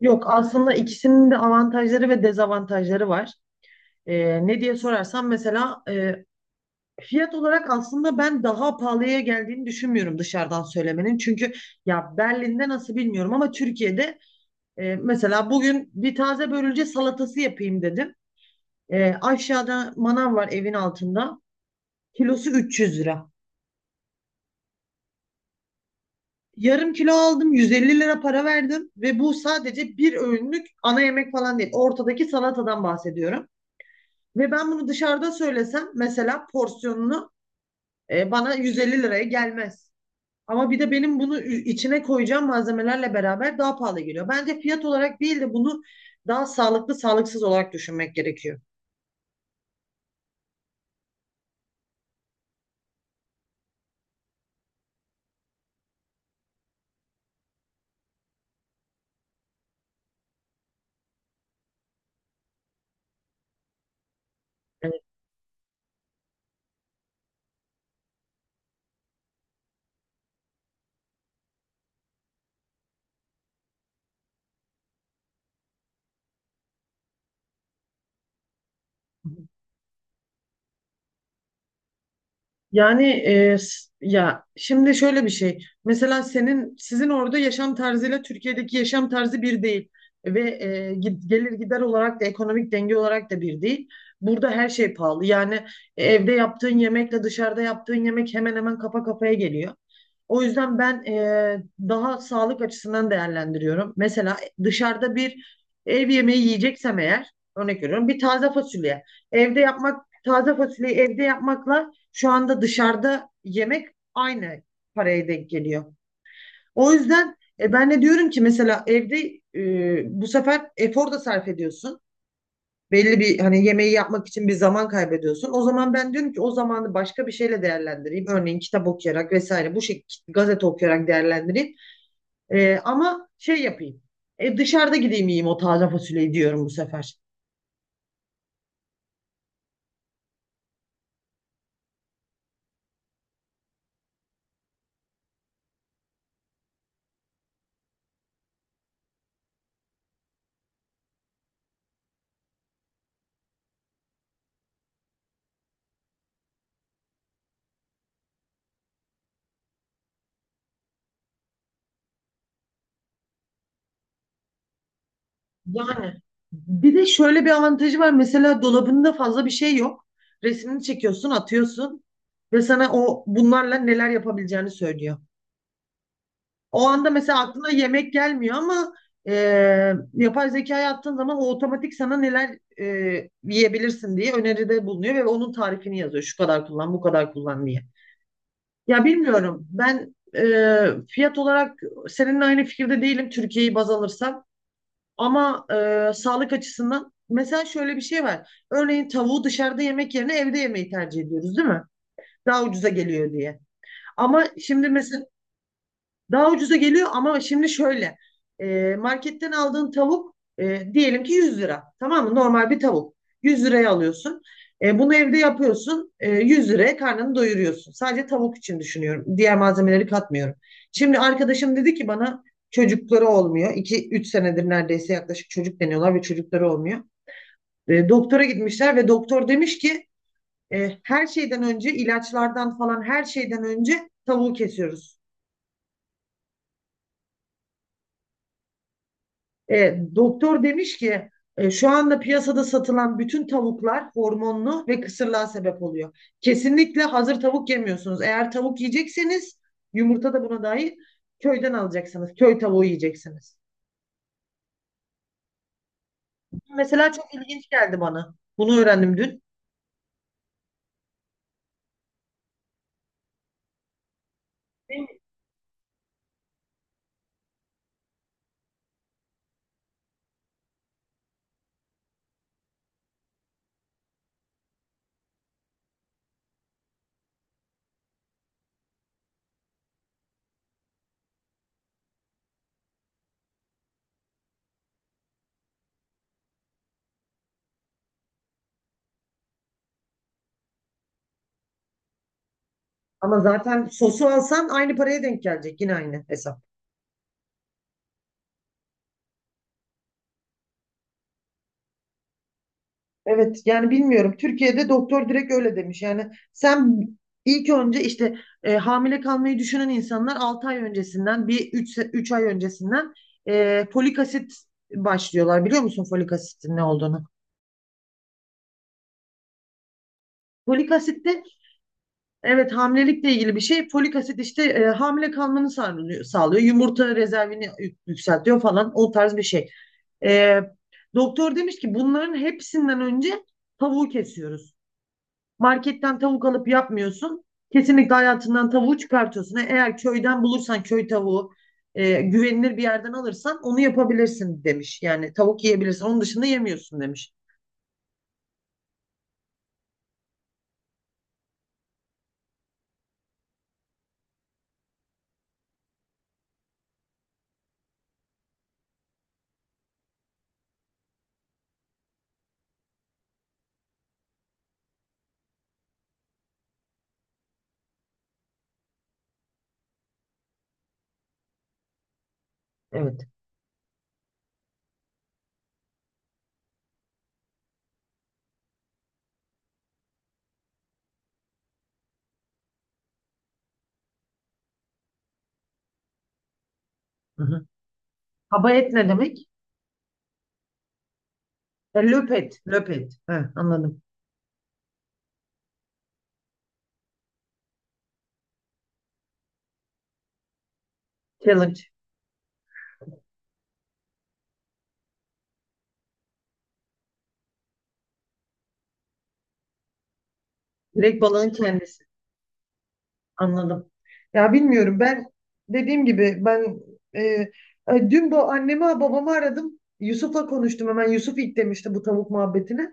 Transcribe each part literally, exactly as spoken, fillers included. Yok aslında ikisinin de avantajları ve dezavantajları var. Ee, ne diye sorarsan mesela e, fiyat olarak aslında ben daha pahalıya geldiğini düşünmüyorum dışarıdan söylemenin. Çünkü ya Berlin'de nasıl bilmiyorum ama Türkiye'de e, mesela bugün bir taze börülce salatası yapayım dedim. E, aşağıda manav var evin altında. Kilosu üç yüz lira. Yarım kilo aldım yüz elli lira para verdim ve bu sadece bir öğünlük ana yemek falan değil. Ortadaki salatadan bahsediyorum. Ve ben bunu dışarıda söylesem mesela porsiyonunu e, bana yüz elli liraya gelmez. Ama bir de benim bunu içine koyacağım malzemelerle beraber daha pahalı geliyor. Bence fiyat olarak değil de bunu daha sağlıklı sağlıksız olarak düşünmek gerekiyor. Evet. Yani e, s- ya şimdi şöyle bir şey. Mesela senin sizin orada yaşam tarzıyla Türkiye'deki yaşam tarzı bir değil ve e, gid- gelir gider olarak da ekonomik denge olarak da bir değil. Burada her şey pahalı. Yani e, evde yaptığın yemekle dışarıda yaptığın yemek hemen hemen kafa kafaya geliyor. O yüzden ben e, daha sağlık açısından değerlendiriyorum. Mesela dışarıda bir ev yemeği yiyeceksem eğer örnek veriyorum bir taze fasulye. Evde yapmak taze fasulyeyi evde yapmakla şu anda dışarıda yemek aynı paraya denk geliyor. O yüzden e, ben de diyorum ki mesela evde e, bu sefer efor da sarf ediyorsun. Belli bir hani yemeği yapmak için bir zaman kaybediyorsun. O zaman ben diyorum ki o zamanı başka bir şeyle değerlendireyim. Örneğin kitap okuyarak vesaire bu şekilde gazete okuyarak değerlendireyim. E, ama şey yapayım. E, dışarıda gideyim yiyeyim o taze fasulyeyi diyorum bu sefer. Yani bir de şöyle bir avantajı var. Mesela dolabında fazla bir şey yok. Resmini çekiyorsun, atıyorsun ve sana o bunlarla neler yapabileceğini söylüyor. O anda mesela aklına yemek gelmiyor ama e, yapay zekaya attığın zaman o otomatik sana neler e, yiyebilirsin diye öneride bulunuyor ve onun tarifini yazıyor. Şu kadar kullan, bu kadar kullan diye. Ya bilmiyorum. Ben e, fiyat olarak seninle aynı fikirde değilim Türkiye'yi baz alırsam. Ama e, sağlık açısından mesela şöyle bir şey var. Örneğin tavuğu dışarıda yemek yerine evde yemeyi tercih ediyoruz, değil mi? Daha ucuza geliyor diye. Ama şimdi mesela daha ucuza geliyor ama şimdi şöyle e, marketten aldığın tavuk e, diyelim ki yüz lira tamam mı? Normal bir tavuk yüz liraya alıyorsun. E, bunu evde yapıyorsun e, yüz liraya karnını doyuruyorsun. Sadece tavuk için düşünüyorum diğer malzemeleri katmıyorum. Şimdi arkadaşım dedi ki bana çocukları olmuyor. iki üç senedir neredeyse yaklaşık çocuk deniyorlar ve çocukları olmuyor. E, doktora gitmişler ve doktor demiş ki e, her şeyden önce ilaçlardan falan her şeyden önce tavuğu kesiyoruz. E, doktor demiş ki e, şu anda piyasada satılan bütün tavuklar hormonlu ve kısırlığa sebep oluyor. Kesinlikle hazır tavuk yemiyorsunuz. Eğer tavuk yiyecekseniz yumurta da buna dahil köyden alacaksınız. Köy tavuğu yiyeceksiniz. Mesela çok ilginç geldi bana. Bunu öğrendim dün. Ama zaten sosu alsan aynı paraya denk gelecek. Yine aynı hesap. Evet yani bilmiyorum. Türkiye'de doktor direkt öyle demiş. Yani sen ilk önce işte e, hamile kalmayı düşünen insanlar altı ay öncesinden bir üç üç ay öncesinden e, folik asit başlıyorlar. Biliyor musun folik asitin ne olduğunu? Folik asit de evet hamilelikle ilgili bir şey. Folik asit işte e, hamile kalmanı sağlıyor, sağlıyor. Yumurta rezervini yük- yükseltiyor falan o tarz bir şey. E, Doktor demiş ki bunların hepsinden önce tavuğu kesiyoruz. Marketten tavuk alıp yapmıyorsun. Kesinlikle hayatından tavuğu çıkartıyorsun. E, Eğer köyden bulursan köy tavuğu e, güvenilir bir yerden alırsan onu yapabilirsin demiş. Yani tavuk yiyebilirsin. Onun dışında yemiyorsun demiş. Evet. Hı hı. Kaba et ne demek? E, löp et. Löp et. He, anladım. Challenge. Direkt balığın kendisi. Anladım. Ya bilmiyorum ben dediğim gibi ben e, e, dün bu annemi babamı aradım. Yusuf'la konuştum hemen. Yusuf ilk demişti bu tavuk muhabbetine.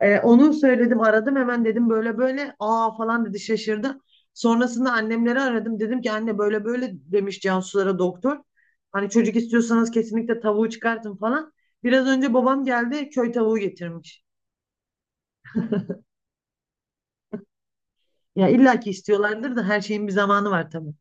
Ee, onu söyledim aradım hemen dedim böyle böyle aa falan dedi şaşırdı. Sonrasında annemleri aradım dedim ki anne böyle böyle demiş Cansulara doktor. Hani çocuk istiyorsanız kesinlikle tavuğu çıkartın falan. Biraz önce babam geldi köy tavuğu getirmiş. Ya illa ki istiyorlardır da her şeyin bir zamanı var tabii.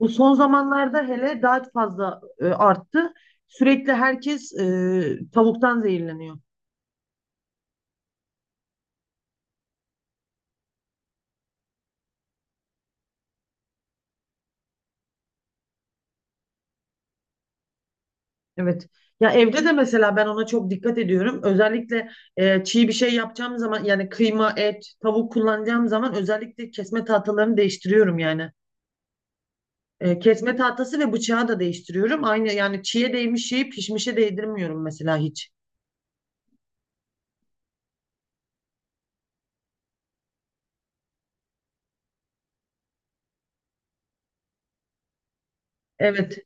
Bu son zamanlarda hele daha fazla e, arttı. Sürekli herkes e, tavuktan zehirleniyor. Evet. Ya evde de mesela ben ona çok dikkat ediyorum. Özellikle e, çiğ bir şey yapacağım zaman yani kıyma, et, tavuk kullanacağım zaman özellikle kesme tahtalarını değiştiriyorum yani. E, kesme tahtası ve bıçağı da değiştiriyorum. Aynı yani çiğe değmiş şeyi pişmişe değdirmiyorum mesela hiç. Evet.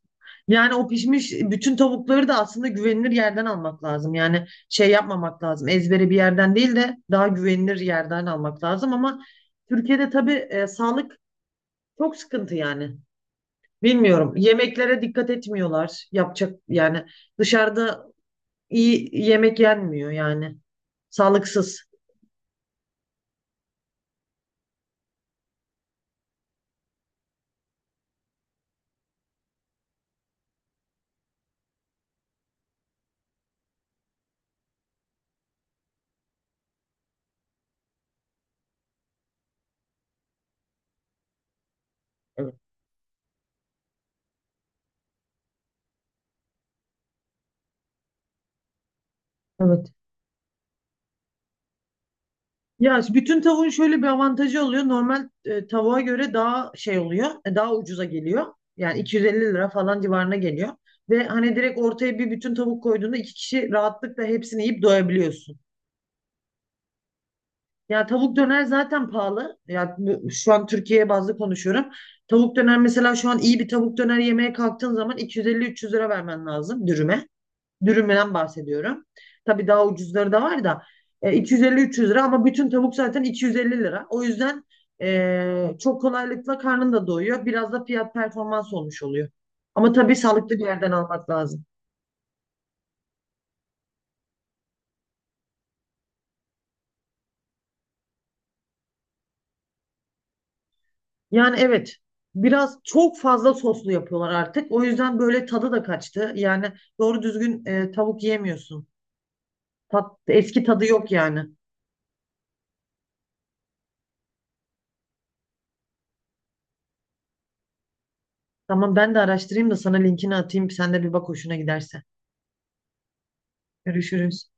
Yani o pişmiş bütün tavukları da aslında güvenilir yerden almak lazım. Yani şey yapmamak lazım. Ezbere bir yerden değil de daha güvenilir yerden almak lazım ama Türkiye'de tabii e, sağlık çok sıkıntı yani. Bilmiyorum. Yemeklere dikkat etmiyorlar. Yapacak yani dışarıda iyi yemek yenmiyor yani. Sağlıksız. Evet. Evet. Ya işte bütün tavuğun şöyle bir avantajı oluyor. Normal e, tavuğa göre daha şey oluyor. e, Daha ucuza geliyor. Yani iki yüz elli lira falan civarına geliyor. Ve hani direkt ortaya bir bütün tavuk koyduğunda iki kişi rahatlıkla hepsini yiyip doyabiliyorsun. Ya tavuk döner zaten pahalı. Ya bu- şu an Türkiye bazlı konuşuyorum. Tavuk döner mesela şu an iyi bir tavuk döner yemeye kalktığın zaman iki yüz elli üç yüz lira vermen lazım dürüme. Dürümden bahsediyorum. Tabii daha ucuzları da var da e, iki yüz elli üç yüz lira ama bütün tavuk zaten iki yüz elli lira. O yüzden e, çok kolaylıkla karnın da doyuyor. Biraz da fiyat performans olmuş oluyor. Ama tabii sağlıklı bir yerden almak lazım. Yani evet. Biraz çok fazla soslu yapıyorlar artık. O yüzden böyle tadı da kaçtı. Yani doğru düzgün e, tavuk yiyemiyorsun. Tat, eski tadı yok yani. Tamam ben de araştırayım da sana linkini atayım. Sen de bir bak hoşuna giderse. Görüşürüz.